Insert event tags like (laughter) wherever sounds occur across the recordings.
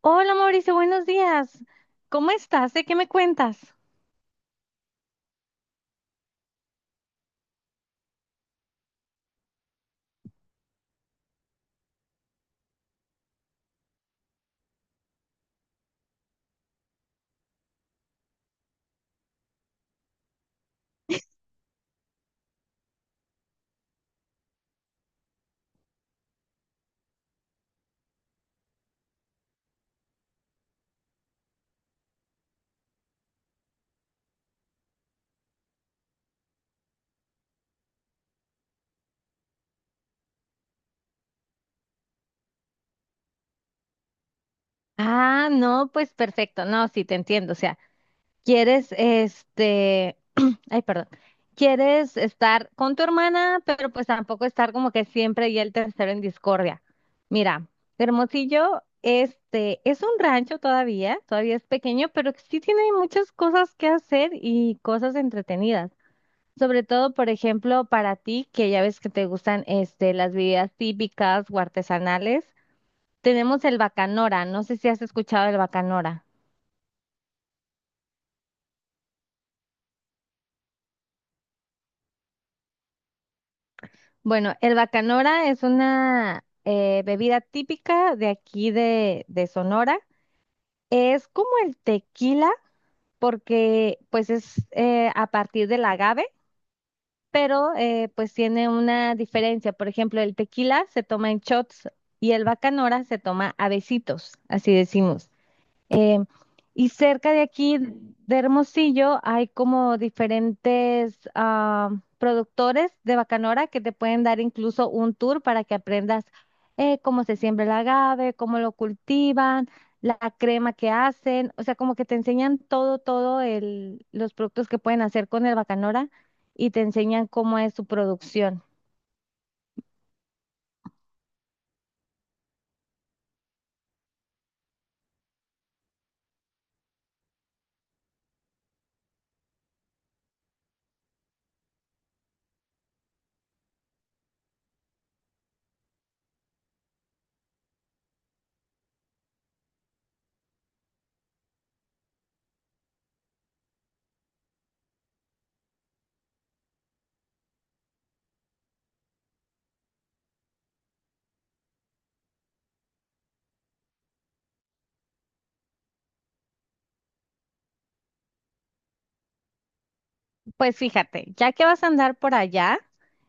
Hola Mauricio, buenos días. ¿Cómo estás? ¿De qué me cuentas? Ah, no, pues perfecto. No, sí, te entiendo. O sea, quieres, (clears throat) ay, perdón, quieres estar con tu hermana, pero pues tampoco estar como que siempre y el tercero en discordia. Mira, Hermosillo, es un rancho todavía, es pequeño, pero sí tiene muchas cosas que hacer y cosas entretenidas. Sobre todo, por ejemplo, para ti, que ya ves que te gustan las bebidas típicas o artesanales, tenemos el bacanora. No sé si has escuchado el bacanora. Bueno, el bacanora es una bebida típica de aquí de Sonora. Es como el tequila, porque pues es a partir del agave, pero pues tiene una diferencia. Por ejemplo, el tequila se toma en shots y el bacanora se toma a besitos, así decimos. Eh, y cerca de aquí de Hermosillo hay como diferentes productores de bacanora que te pueden dar incluso un tour para que aprendas cómo se siembra el agave, cómo lo cultivan, la crema que hacen, o sea, como que te enseñan todo, los productos que pueden hacer con el bacanora y te enseñan cómo es su producción. Pues fíjate, ya que vas a andar por allá,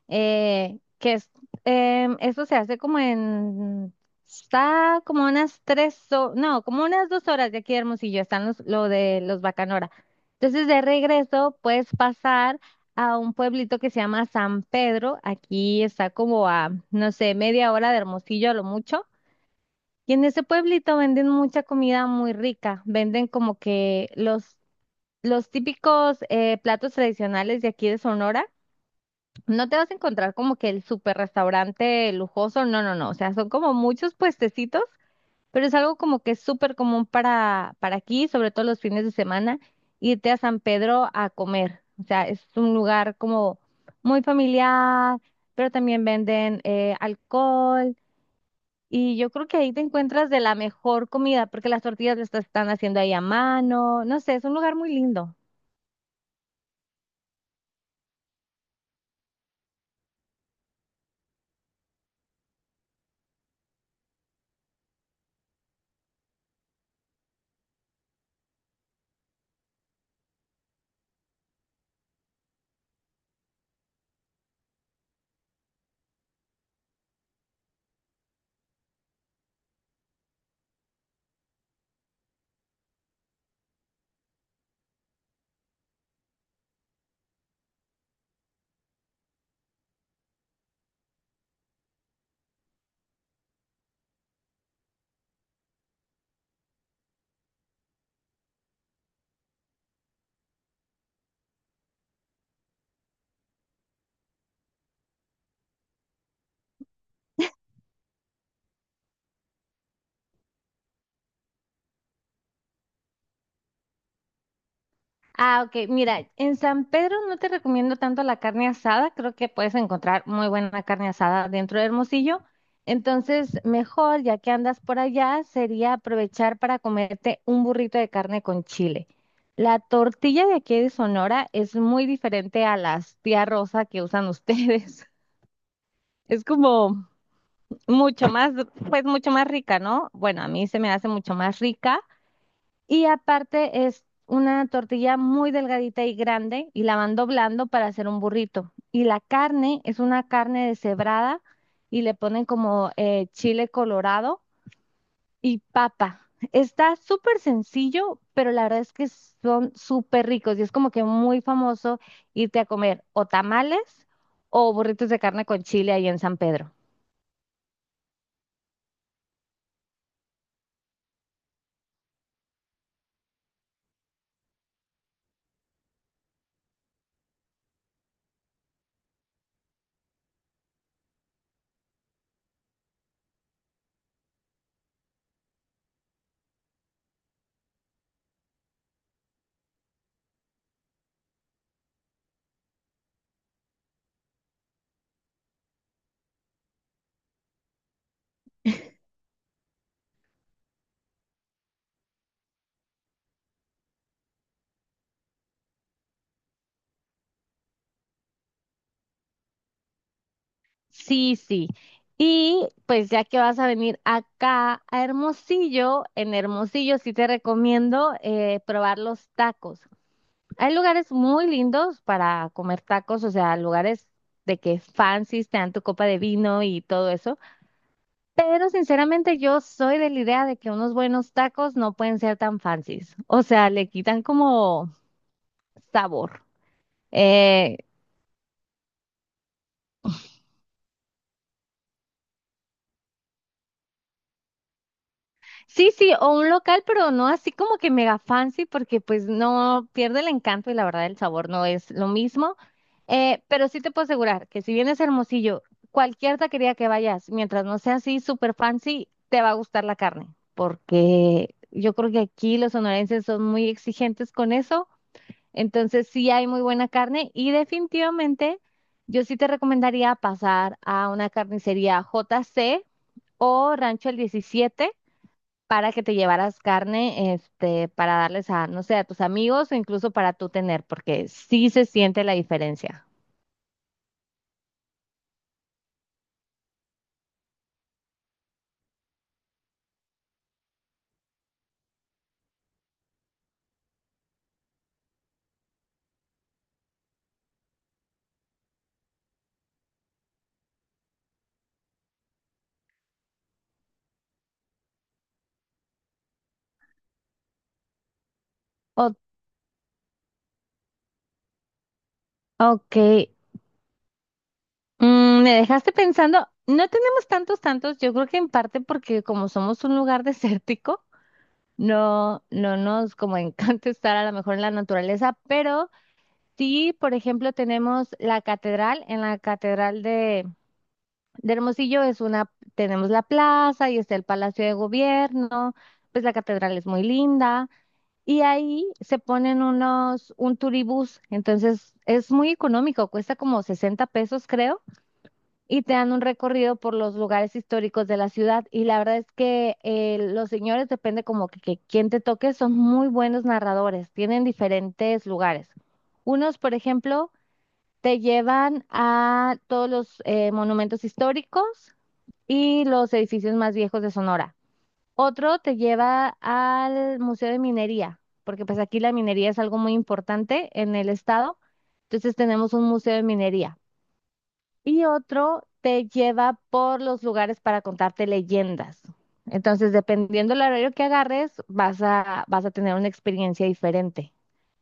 eh, que es, eso se hace como en, está como unas tres, no, como unas dos horas de aquí de Hermosillo, están lo de los Bacanora. Entonces de regreso puedes pasar a un pueblito que se llama San Pedro, aquí está como a, no sé, media hora de Hermosillo a lo mucho. Y en ese pueblito venden mucha comida muy rica, venden como que los típicos platos tradicionales de aquí de Sonora. No te vas a encontrar como que el super restaurante lujoso, no, no, no, o sea, son como muchos puestecitos, pero es algo como que es súper común para aquí, sobre todo los fines de semana, irte a San Pedro a comer. O sea, es un lugar como muy familiar, pero también venden alcohol. Y yo creo que ahí te encuentras de la mejor comida, porque las tortillas las están haciendo ahí a mano. No sé, es un lugar muy lindo. Ah, ok. Mira, en San Pedro no te recomiendo tanto la carne asada. Creo que puedes encontrar muy buena carne asada dentro de Hermosillo. Entonces, mejor, ya que andas por allá, sería aprovechar para comerte un burrito de carne con chile. La tortilla de aquí de Sonora es muy diferente a las tía rosa que usan ustedes. (laughs) Es como mucho más, pues mucho más rica, ¿no? Bueno, a mí se me hace mucho más rica. Y aparte es una tortilla muy delgadita y grande y la van doblando para hacer un burrito. Y la carne es una carne deshebrada y le ponen como chile colorado y papa. Está súper sencillo, pero la verdad es que son súper ricos y es como que muy famoso irte a comer o tamales o burritos de carne con chile ahí en San Pedro. Sí, sí. Y pues ya que vas a venir acá a Hermosillo, en Hermosillo sí te recomiendo probar los tacos. Hay lugares muy lindos para comer tacos, o sea, lugares de que fancies te dan tu copa de vino y todo eso. Pero sinceramente yo soy de la idea de que unos buenos tacos no pueden ser tan fancies. O sea, le quitan como sabor. Eh, Sí, sí, o un local, pero no así como que mega fancy, porque pues no pierde el encanto y la verdad el sabor no es lo mismo. Pero sí te puedo asegurar que si vienes a Hermosillo, cualquier taquería que vayas, mientras no sea así súper fancy, te va a gustar la carne, porque yo creo que aquí los sonorenses son muy exigentes con eso, entonces sí hay muy buena carne y definitivamente yo sí te recomendaría pasar a una carnicería JC o Rancho el 17 para que te llevaras carne, para darles a, no sé, a tus amigos o incluso para tú tener, porque sí se siente la diferencia. O- ok. Mm, me dejaste pensando, no tenemos tantos, yo creo que en parte porque como somos un lugar (laughs) desértico, no nos como encanta estar a lo mejor en la naturaleza, pero sí, por ejemplo, tenemos la catedral, De Hermosillo es una, tenemos la plaza y está el Palacio de Gobierno. Pues la catedral es muy linda y ahí se ponen un turibús, entonces es muy económico, cuesta como 60 pesos creo, y te dan un recorrido por los lugares históricos de la ciudad. Y la verdad es que los señores, depende como que quien te toque, son muy buenos narradores, tienen diferentes lugares. Unos, por ejemplo, te llevan a todos los monumentos históricos y los edificios más viejos de Sonora. Otro te lleva al Museo de Minería, porque pues aquí la minería es algo muy importante en el estado. Entonces tenemos un museo de minería. Y otro te lleva por los lugares para contarte leyendas. Entonces, dependiendo del horario que agarres, vas a tener una experiencia diferente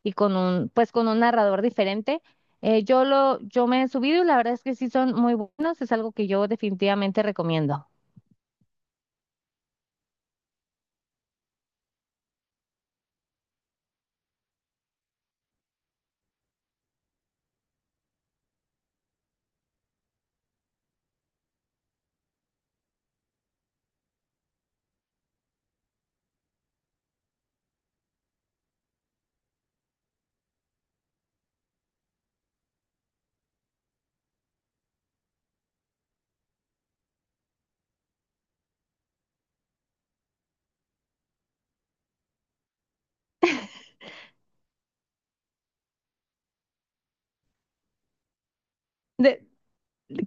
y con un, pues con un narrador diferente. Yo me he subido y la verdad es que sí son muy buenos, es algo que yo definitivamente recomiendo. De-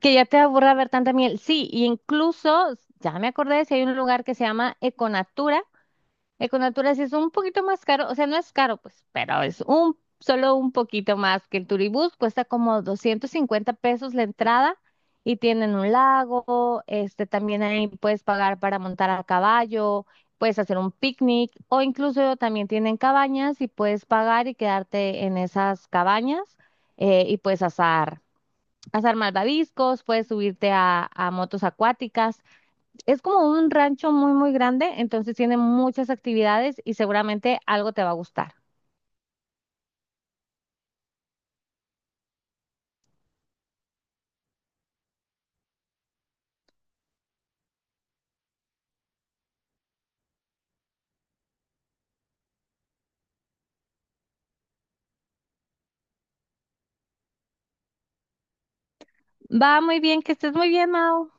Que ya te aburra ver tanta miel. Sí, y incluso, ya me acordé, si hay un lugar que se llama Econatura. Econatura sí es un poquito más caro, o sea, no es caro, pues, pero es un, solo un poquito más que el Turibús. Cuesta como 250 pesos la entrada y tienen un lago, también ahí puedes pagar para montar a caballo, puedes hacer un picnic o incluso también tienen cabañas y puedes pagar y quedarte en esas cabañas y puedes asar. Hacer malvaviscos, puedes subirte a motos acuáticas. Es como un rancho muy, muy grande, entonces tiene muchas actividades y seguramente algo te va a gustar. Va muy bien, que estés muy bien, Mau.